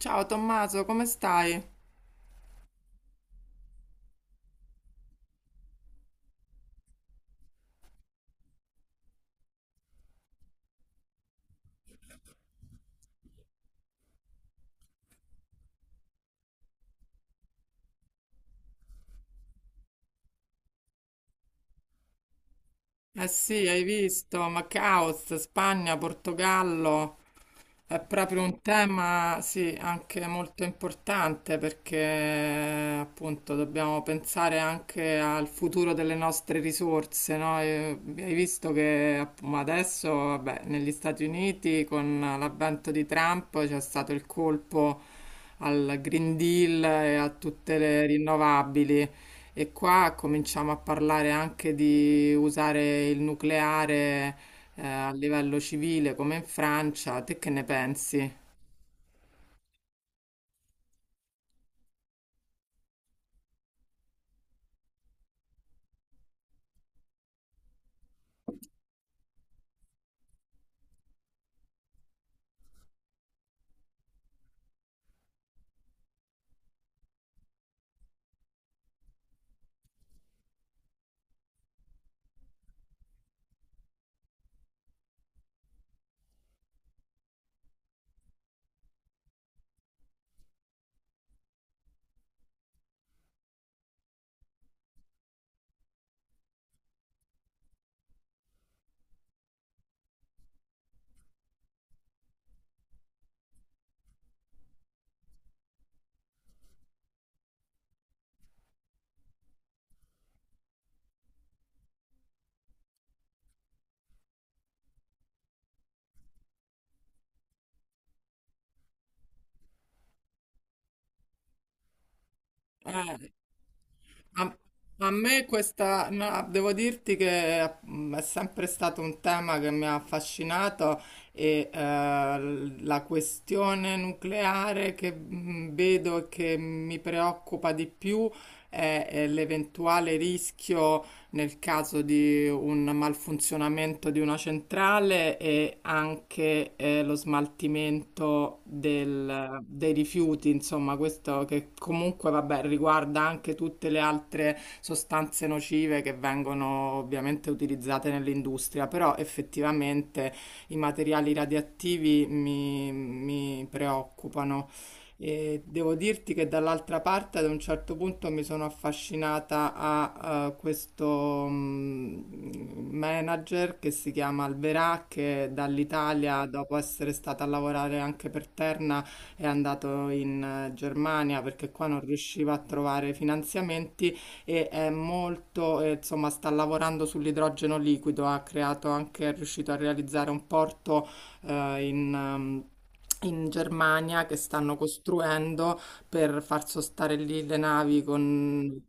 Ciao Tommaso, come stai? Eh sì, hai visto, ma caos, Spagna, Portogallo, è proprio un tema, sì, anche molto importante perché appunto dobbiamo pensare anche al futuro delle nostre risorse, no? E hai visto che app- ma adesso, vabbè, negli Stati Uniti con l'avvento di Trump c'è stato il colpo al Green Deal e a tutte le rinnovabili. E qua cominciamo a parlare anche di usare il nucleare a livello civile come in Francia. Te che ne pensi? Eh, A, a me questa, no, devo dirti che è sempre stato un tema che mi ha affascinato e la questione nucleare che vedo e che mi preoccupa di più è l'eventuale rischio nel caso di un malfunzionamento di una centrale e anche lo smaltimento dei rifiuti, insomma, questo che comunque, vabbè, riguarda anche tutte le altre sostanze nocive che vengono ovviamente utilizzate nell'industria, però effettivamente i materiali radioattivi mi preoccupano. E devo dirti che dall'altra parte ad un certo punto mi sono affascinata a questo manager che si chiama Alverà, che dall'Italia, dopo essere stata a lavorare anche per Terna, è andato in Germania perché qua non riusciva a trovare finanziamenti è molto, insomma, sta lavorando sull'idrogeno liquido, ha creato anche, è riuscito a realizzare un porto eh, in, ehm, in Germania che stanno costruendo per far sostare lì le navi con...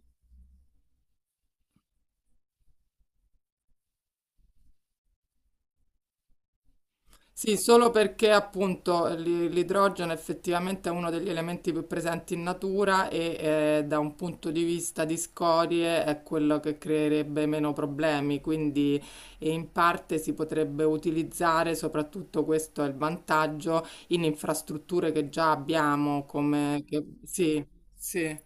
Sì, solo perché appunto l'idrogeno effettivamente è uno degli elementi più presenti in natura e da un punto di vista di scorie è quello che creerebbe meno problemi, quindi e in parte si potrebbe utilizzare, soprattutto questo è il vantaggio, in infrastrutture che già abbiamo, come... Che... Sì, sì.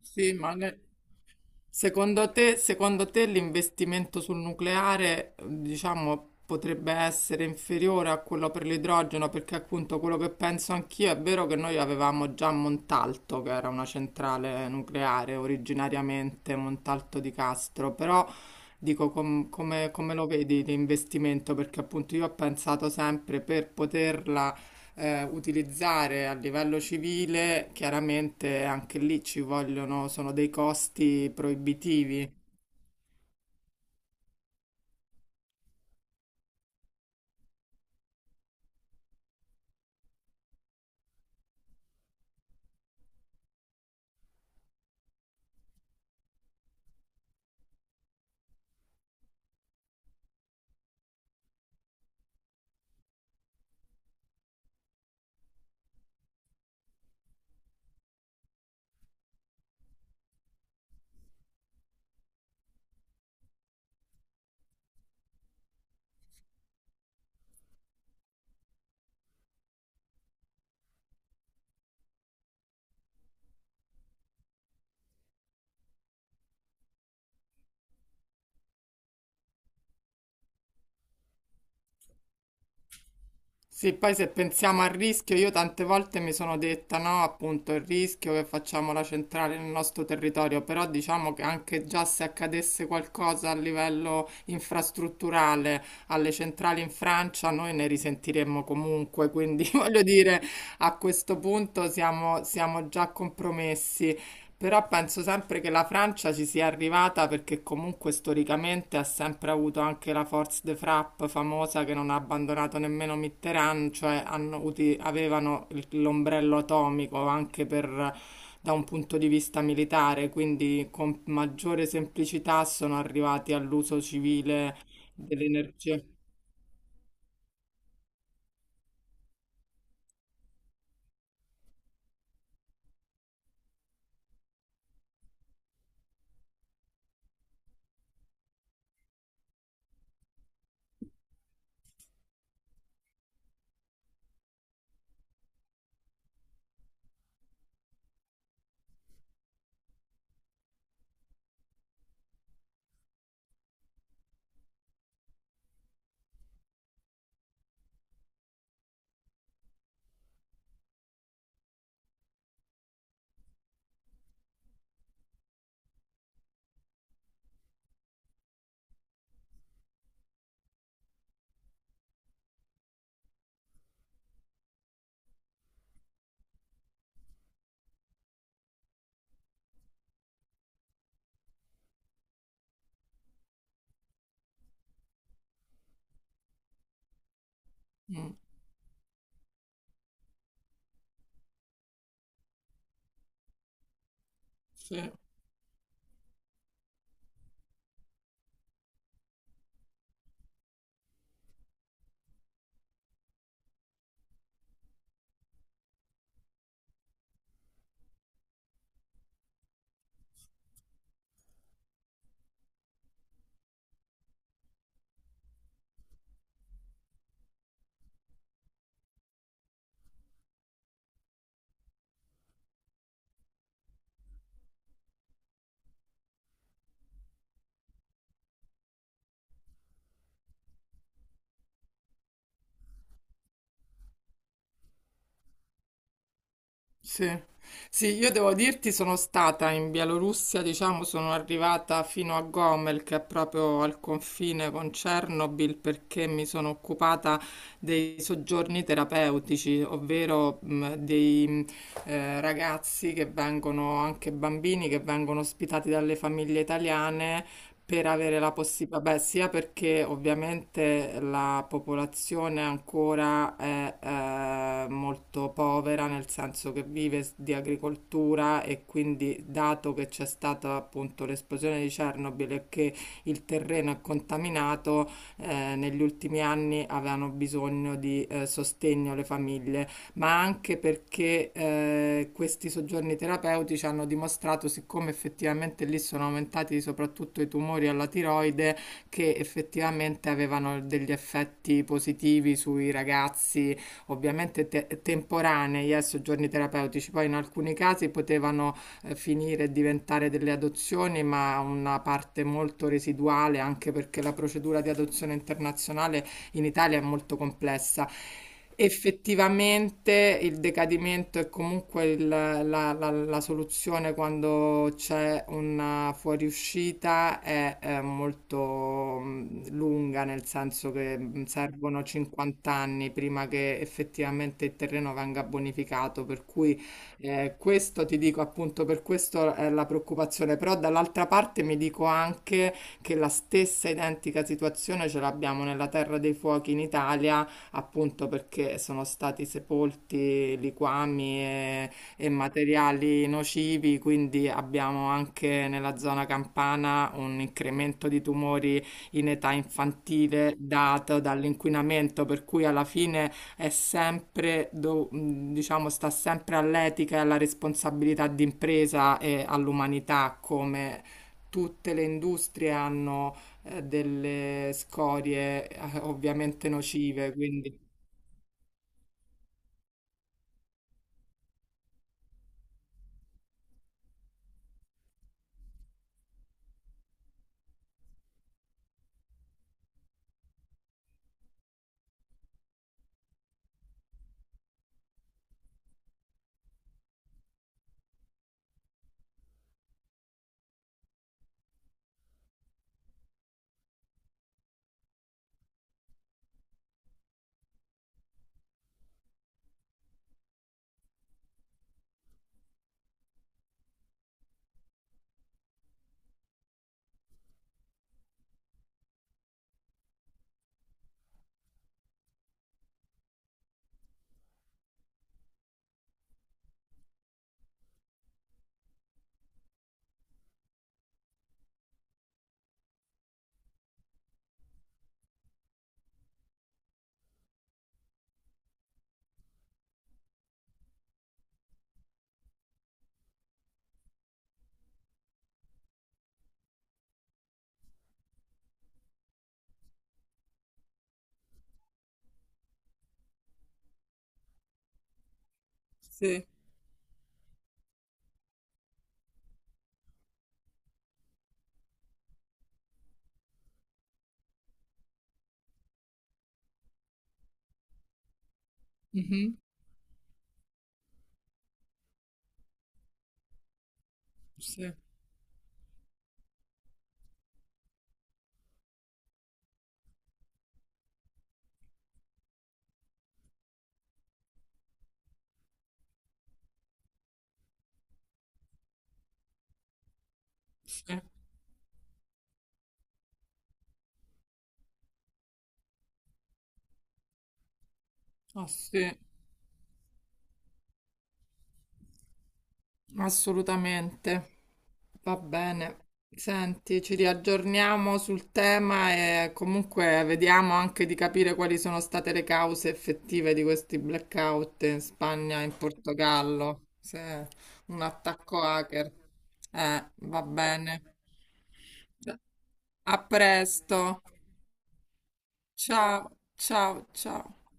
Sì, ma ne- secondo te l'investimento sul nucleare, diciamo, potrebbe essere inferiore a quello per l'idrogeno? Perché appunto quello che penso anch'io è vero che noi avevamo già Montalto, che era una centrale nucleare originariamente, Montalto di Castro, però dico come lo vedi l'investimento? Perché appunto io ho pensato sempre per poterla utilizzare a livello civile, chiaramente anche lì ci vogliono, sono dei costi proibitivi. Sì, poi se pensiamo al rischio, io tante volte mi sono detta no, appunto il rischio che facciamo la centrale nel nostro territorio, però diciamo che anche già se accadesse qualcosa a livello infrastrutturale alle centrali in Francia, noi ne risentiremmo comunque, quindi voglio dire, a questo punto siamo già compromessi. Però penso sempre che la Francia ci sia arrivata perché comunque storicamente ha sempre avuto anche la Force de Frappe famosa che non ha abbandonato nemmeno Mitterrand, cioè avevano l'ombrello atomico anche per, da un punto di vista militare, quindi con maggiore semplicità sono arrivati all'uso civile dell'energia. Mm, sì. Sì. Sì, io devo dirti, sono stata in Bielorussia, diciamo, sono arrivata fino a Gomel, che è proprio al confine con Chernobyl, perché mi sono occupata dei soggiorni terapeutici, ovvero dei ragazzi che vengono, anche bambini che vengono ospitati dalle famiglie italiane per avere la possibilità, beh, sia perché ovviamente la popolazione ancora è molto povera, nel senso che vive s- di agricoltura e quindi dato che c'è stata appunto l'esplosione di Chernobyl e che il terreno è contaminato, negli ultimi anni avevano bisogno di sostegno le famiglie ma anche perché questi soggiorni terapeutici hanno dimostrato, siccome effettivamente lì sono aumentati soprattutto i tumori alla tiroide, che effettivamente avevano degli effetti positivi sui ragazzi, ovviamente te- temporanei, soggiorni terapeutici. Poi in alcuni casi potevano finire e diventare delle adozioni, ma una parte molto residuale, anche perché la procedura di adozione internazionale in Italia è molto complessa. Effettivamente il decadimento è comunque la soluzione quando c'è una fuoriuscita è, molto lunga, nel senso che servono 50 anni prima che effettivamente il terreno venga bonificato, per cui questo ti dico appunto, per questo è la preoccupazione, però dall'altra parte mi dico anche che la stessa identica situazione ce l'abbiamo nella Terra dei Fuochi in Italia, appunto perché sono stati sepolti liquami e materiali nocivi, quindi abbiamo anche nella zona campana un incremento di tumori in età infantile dato dall'inquinamento, per cui alla fine è sempre, diciamo, sta sempre all'etica e alla responsabilità d'impresa e all'umanità, come tutte le industrie hanno delle scorie ovviamente nocive, quindi... Sì, mhm, sì, sì, ah, sì. Assolutamente. Va bene. Senti, ci riaggiorniamo sul tema e comunque vediamo anche di capire quali sono state le cause effettive di questi blackout in Spagna e in Portogallo. Se è un attacco hacker. Va bene. A presto. Ciao, ciao, ciao.